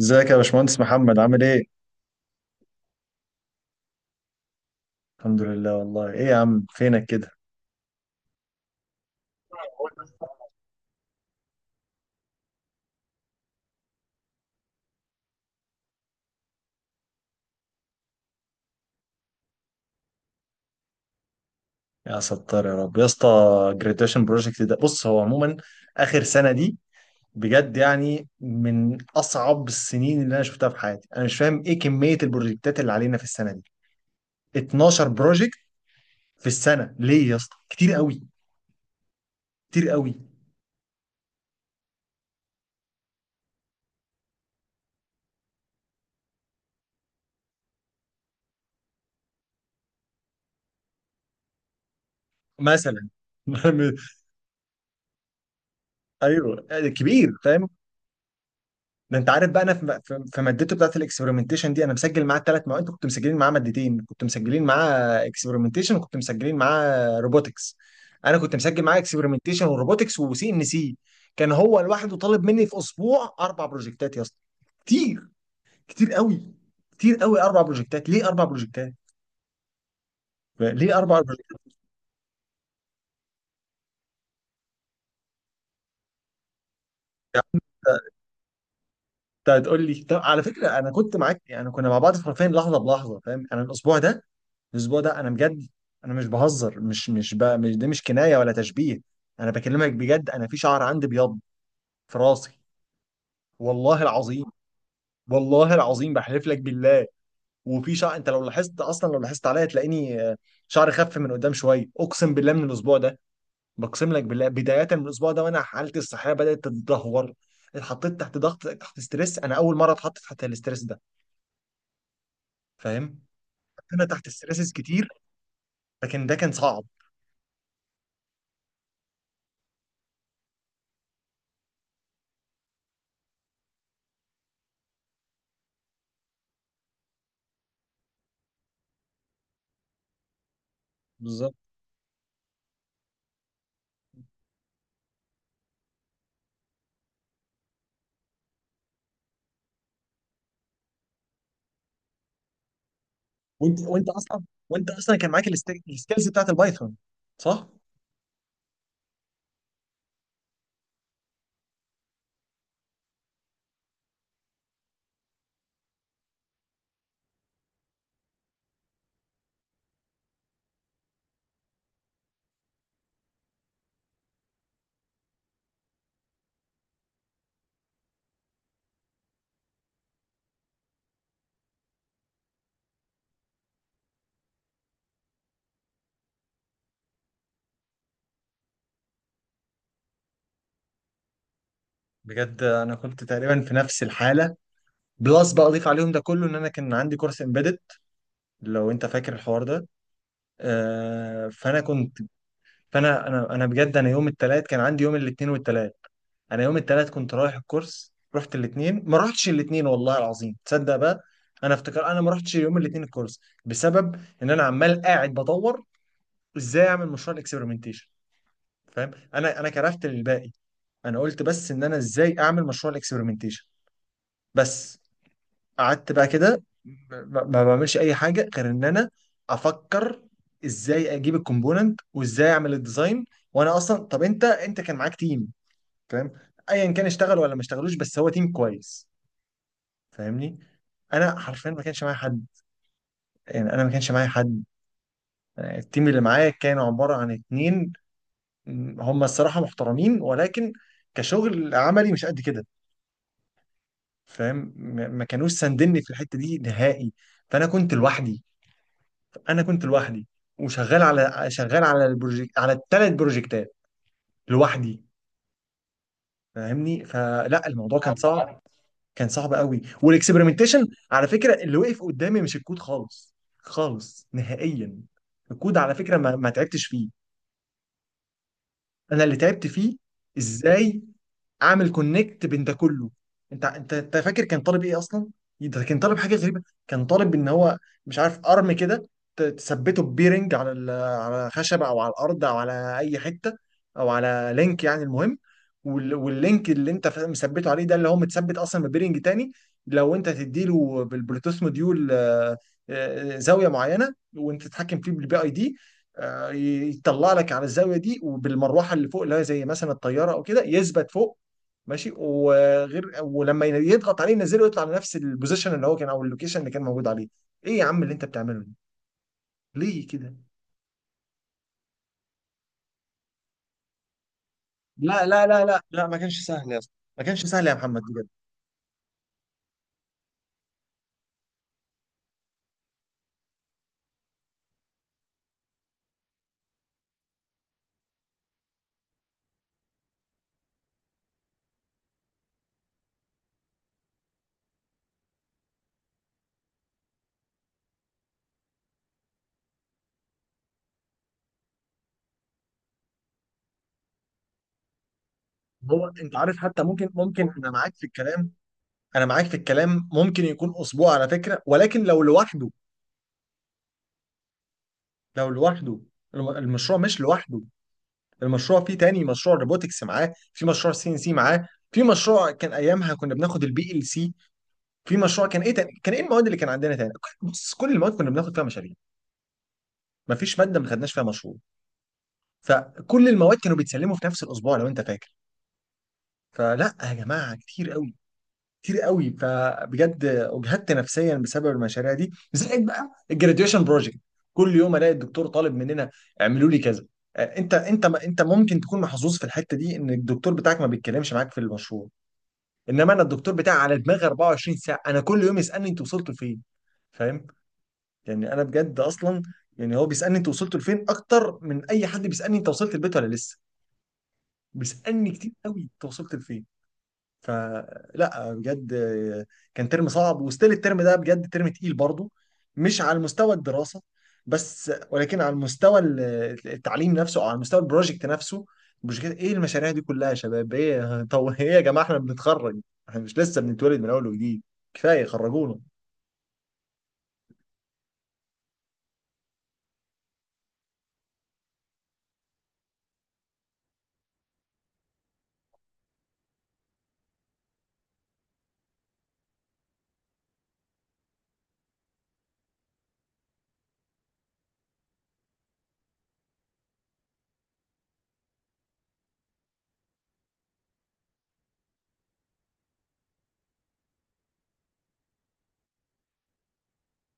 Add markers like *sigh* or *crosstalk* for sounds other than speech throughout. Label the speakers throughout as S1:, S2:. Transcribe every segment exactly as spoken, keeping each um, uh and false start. S1: ازيك يا باشمهندس محمد عامل ايه؟ الحمد لله. والله ايه يا عم فينك كده؟ يا ستار يا رب يا اسطى، جراديويشن بروجكت ده، بص هو عموما اخر سنه دي بجد يعني من اصعب السنين اللي انا شفتها في حياتي. انا مش فاهم ايه كميه البروجكتات اللي علينا في السنه دي. اتناشر بروجكت في السنه ليه يا اسطى؟ كتير قوي، كتير قوي. مثلا *laughs* ايوه كبير فاهم. ده انت عارف بقى انا في في- في مادته بتاعت الاكسبيرمنتيشن دي انا مسجل معاه الثلاث مواد، كنت مسجلين معاه مادتين، كنت مسجلين معاه اكسبيرمنتيشن وكنت مسجلين معاه روبوتكس. انا كنت مسجل معاه اكسبيرمنتيشن وروبوتكس وسي ان سي. كان هو لوحده طالب مني في اسبوع اربع بروجكتات يا اسطى، كتير، كتير قوي، كتير قوي. اربع بروجكتات ليه اربع بروجكتات، ليه اربع بروجكتات؟ يا عم انت هتقول لي، طب على فكره انا كنت معاك يعني، كنا مع بعض حرفيا لحظه بلحظه فاهم، انا الاسبوع ده، الاسبوع ده انا بجد، انا مش بهزر، مش مش بقى مش دي مش كنايه ولا تشبيه، انا بكلمك بجد، انا في شعر عندي بيض في راسي، والله العظيم، والله العظيم بحلف لك بالله، وفي شعر انت لو لاحظت اصلا لو لاحظت عليا تلاقيني آه، شعري خف من قدام شويه، اقسم بالله من الاسبوع ده، بقسم لك بالله، بدايه من الاسبوع ده وانا حالتي الصحيه بدات تتدهور، اتحطيت تحت ضغط، تحت ستريس، انا اول مره اتحط تحت الاستريس ده فاهم، انا تحت ستريسز كتير لكن ده كان صعب. بالظبط. وانت وانت اصلا وانت اصلا كان معاك الست- السكيلز بتاعت البايثون، صح؟ بجد انا كنت تقريبا في نفس الحاله، بلس بقى اضيف عليهم ده كله ان انا كان عندي كورس امبيدد، لو انت فاكر الحوار ده، آه فانا كنت، فانا انا انا بجد انا يوم الثلاث كان عندي، يوم الاثنين والثلاث، انا يوم الثلاث كنت رايح الكورس، رحت الاثنين، ما رحتش الاثنين والله العظيم، تصدق بقى، انا افتكر انا ما رحتش يوم الاثنين الكورس بسبب ان انا عمال قاعد بدور ازاي اعمل مشروع الاكسبيرمنتيشن فاهم، انا انا كرفت للباقي، انا قلت بس ان انا ازاي اعمل مشروع الاكسبيرمنتيشن بس. قعدت بقى كده ما ما بعملش اي حاجه غير ان انا افكر ازاي اجيب الكومبوننت وازاي اعمل الديزاين. وانا اصلا، طب انت انت كان معاك تيم فاهم، ايا كان اشتغل ولا ما اشتغلوش، بس هو تيم كويس فاهمني؟ انا حرفيا ما كانش معايا حد، يعني انا ما كانش معايا حد، التيم اللي معايا كانوا عباره عن اتنين، هم الصراحه محترمين ولكن كشغل عملي مش قد كده فاهم، ما ما كانوش ساندني في الحته دي نهائي. فانا كنت لوحدي، انا كنت لوحدي وشغال على، شغال على البروجكت، على الثلاث بروجكتات لوحدي فاهمني؟ فلا الموضوع كان صعب، كان صعب قوي. والاكسبيرمنتيشن على فكره اللي وقف قدامي مش الكود، خالص خالص نهائيا. الكود على فكره ما, ما تعبتش فيه، انا اللي تعبت فيه ازاي اعمل كونكت بين ده كله. انت انت انت فاكر كان طالب ايه اصلا؟ ده كان طالب حاجه غريبه، كان طالب ان هو، مش عارف ارم كده، ت- تثبته ببيرنج على ال- على خشبه او على الارض او على اي حته او على لينك يعني. المهم، وال- واللينك اللي انت فا- مثبته عليه ده اللي هو متثبت اصلا ببيرنج تاني، لو انت تديله بالبلوتوث موديول آه، آه، زاويه معينه، وانت تتحكم فيه بالبي اي دي، آه، يطلع لك على الزاويه دي، وبالمروحه اللي فوق اللي هي زي مثلا الطياره او كده يثبت فوق ماشي، وغير ولما يضغط عليه ينزله، يطلع لنفس البوزيشن اللي هو كان او اللوكيشن اللي كان موجود عليه. ايه يا عم اللي انت بتعمله ده، ليه كده؟ لا لا لا لا لا ما كانش سهل يا اسطى، ما كانش سهل يا محمد بجد. هو انت عارف، حتى ممكن ممكن انا معاك في الكلام، انا معاك في الكلام، ممكن يكون اسبوع على فكره، ولكن لو لوحده، لو لوحده، الم- المشروع مش لوحده، المشروع فيه تاني مشروع روبوتكس معاه، في مشروع سي ان سي معاه، في مشروع كان ايامها كنا بناخد البي ال سي، في مشروع كان ايه تاني؟ كان ايه المواد اللي كان عندنا تاني؟ بص كل المواد كنا بناخد فيها مشاريع، ما فيش ماده ما خدناش فيها مشروع، فكل المواد كانوا بيتسلموا في نفس الاسبوع لو انت فاكر، فلا يا جماعه كتير قوي، كتير قوي، فبجد اجهدت نفسيا بسبب المشاريع دي، زائد بقى الجراديويشن بروجكت. كل يوم الاقي الدكتور طالب مننا، اعملوا لي كذا، آه، انت انت انت ممكن تكون محظوظ في الحته دي ان الدكتور بتاعك ما بيتكلمش معاك في المشروع، انما انا الدكتور بتاعي على دماغي اربعه وعشرين ساعه، انا كل يوم يسالني انتوا وصلتوا فين؟ فاهم؟ يعني انا بجد اصلا، يعني هو بيسالني انت وصلت لفين اكتر من اي حد بيسالني انت وصلت البيت ولا لسه، بيسالني كتير قوي انت وصلت لفين. فلا بجد آه، كان ترم صعب، وستيل الترم ده بجد ترم تقيل برضه، مش على مستوى الدراسه بس، ولكن على المستوى ال- التعليم نفسه او على مستوى البروجكت نفسه. البروجكت، ايه المشاريع دي كلها يا شباب ايه *laughs* طب ايه يا جماعه احنا بنتخرج، احنا مش لسه بنتولد من اول وجديد، كفايه خرجونا.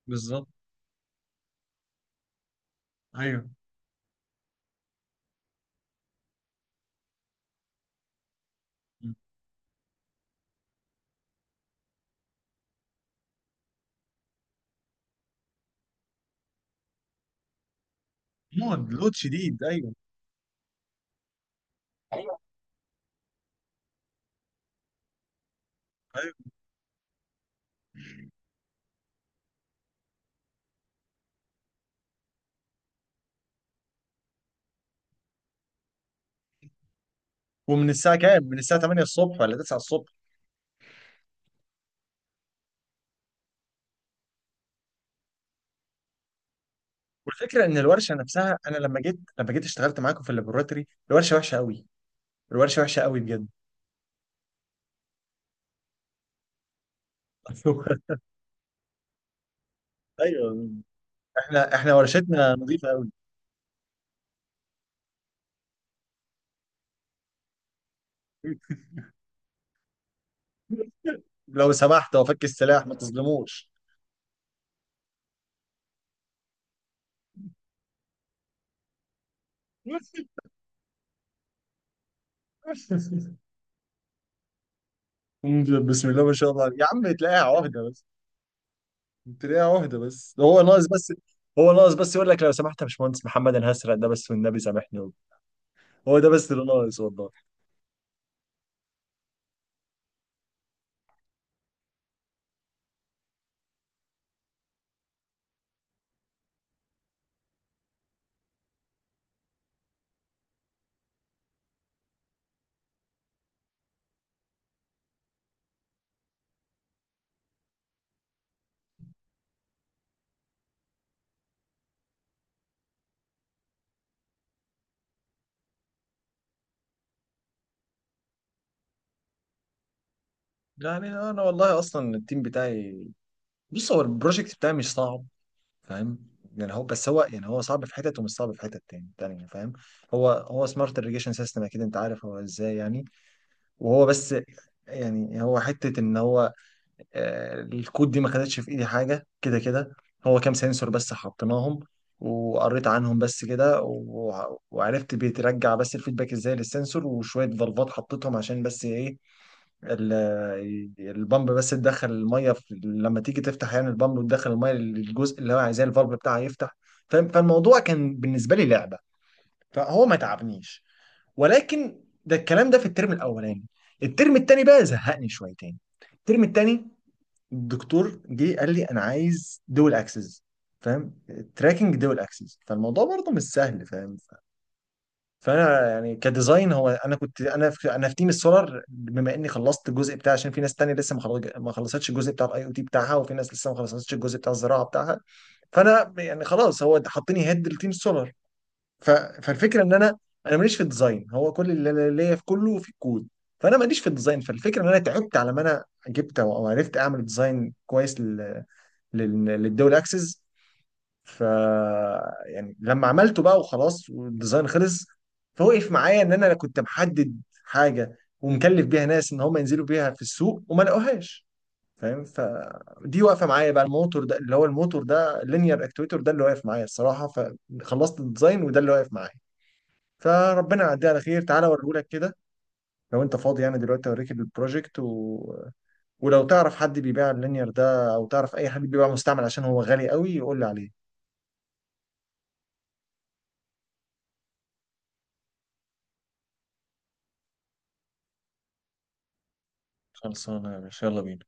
S1: بالظبط. ايوه لود، لود شديد. ايوه. أيوة. ومن الساعه كام؟ من الساعه تمانيه الصبح ولا تسعه الصبح؟ والفكره ان الورشه نفسها، انا لما جيت، لما جيت اشتغلت معاكم في اللابوراتوري، الورشه وحشه قوي، الورشه وحشه قوي بجد. *laughs* ايوه، احنا احنا ورشتنا نظيفه قوي. لو سمحت وفك السلاح، ما تظلموش. *laughs* بسم الله ما شاء الله، يا عم تلاقيها عهده بس، تلاقيها عهده بس، هو ناقص بس، هو ناقص بس يقول لك لو سمحت يا باشمهندس محمد، انا هسرق ده بس والنبي سامحني، هو ده بس اللي ناقص، والله. يعني انا والله اصلا التيم بتاعي، بص هو البروجكت بتاعي مش صعب فاهم، يعني هو بس، هو يعني هو صعب في حتت ومش صعب في حتت تاني تانية فاهم، هو هو سمارت irrigation سيستم، اكيد انت عارف هو ازاي يعني. وهو بس يعني، هو حتة ان هو آه، الكود دي ما خدتش في ايدي حاجة كده كده، هو كام سنسور بس حطيناهم وقريت عنهم بس كده و- وعرفت بيترجع بس الفيدباك ازاي للسنسور، وشوية فالفات حطيتهم عشان بس ايه، ال- البامب بس تدخل الميه في، لما تيجي تفتح يعني البامب وتدخل الميه للجزء اللي هو عايزاه، الفالف بتاعها يفتح فاهم. فالموضوع كان بالنسبه لي لعبه، فهو ما تعبنيش، ولكن ده الكلام ده في الترم الاولاني، الترم التاني بقى زهقني شويتين. الترم التاني الدكتور جه قال لي انا عايز دول اكسس فاهم، تراكنج دول اكسس، فالموضوع برضه مش سهل فاهم. فانا يعني كديزاين هو، انا كنت انا في انا في تيم السولار، بما اني خلصت الجزء بتاعي، عشان في ناس تانية لسه ما خلص- ما خلصتش الجزء بتاع الاي او تي بتاعها، وفي ناس لسه ما خلصتش الجزء بتاع الزراعه بتاعها، فانا يعني خلاص هو حطني هيد لتيم السولار، ف... فالفكره ان انا، انا ماليش في الديزاين، هو كل اللي اللي ليا في كله في الكود، فانا ماليش في الديزاين، فالفكره ان انا تعبت على ما انا جبت او أو عرفت اعمل ديزاين كويس لل... لل... للدول اكسس، ف يعني لما عملته بقى وخلاص والديزاين خلص، فوقف معايا ان انا كنت محدد حاجه ومكلف بيها ناس ان هم ينزلوا بيها في السوق وما لقوهاش فاهم، فدي واقفه معايا بقى، الموتور ده اللي هو، الموتور ده لينير اكتويتور ده اللي واقف معايا الصراحه، فخلصت الديزاين وده اللي واقف معايا. فربنا يعديه على خير. تعالى اوريهولك كده لو انت فاضي يعني دلوقتي، اوريك البروجكت و... ولو تعرف حد بيبيع اللينير ده، او تعرف اي حد بيبيع مستعمل عشان هو غالي قوي، يقول لي عليه. خلصانه يا باشا، يلا بينا.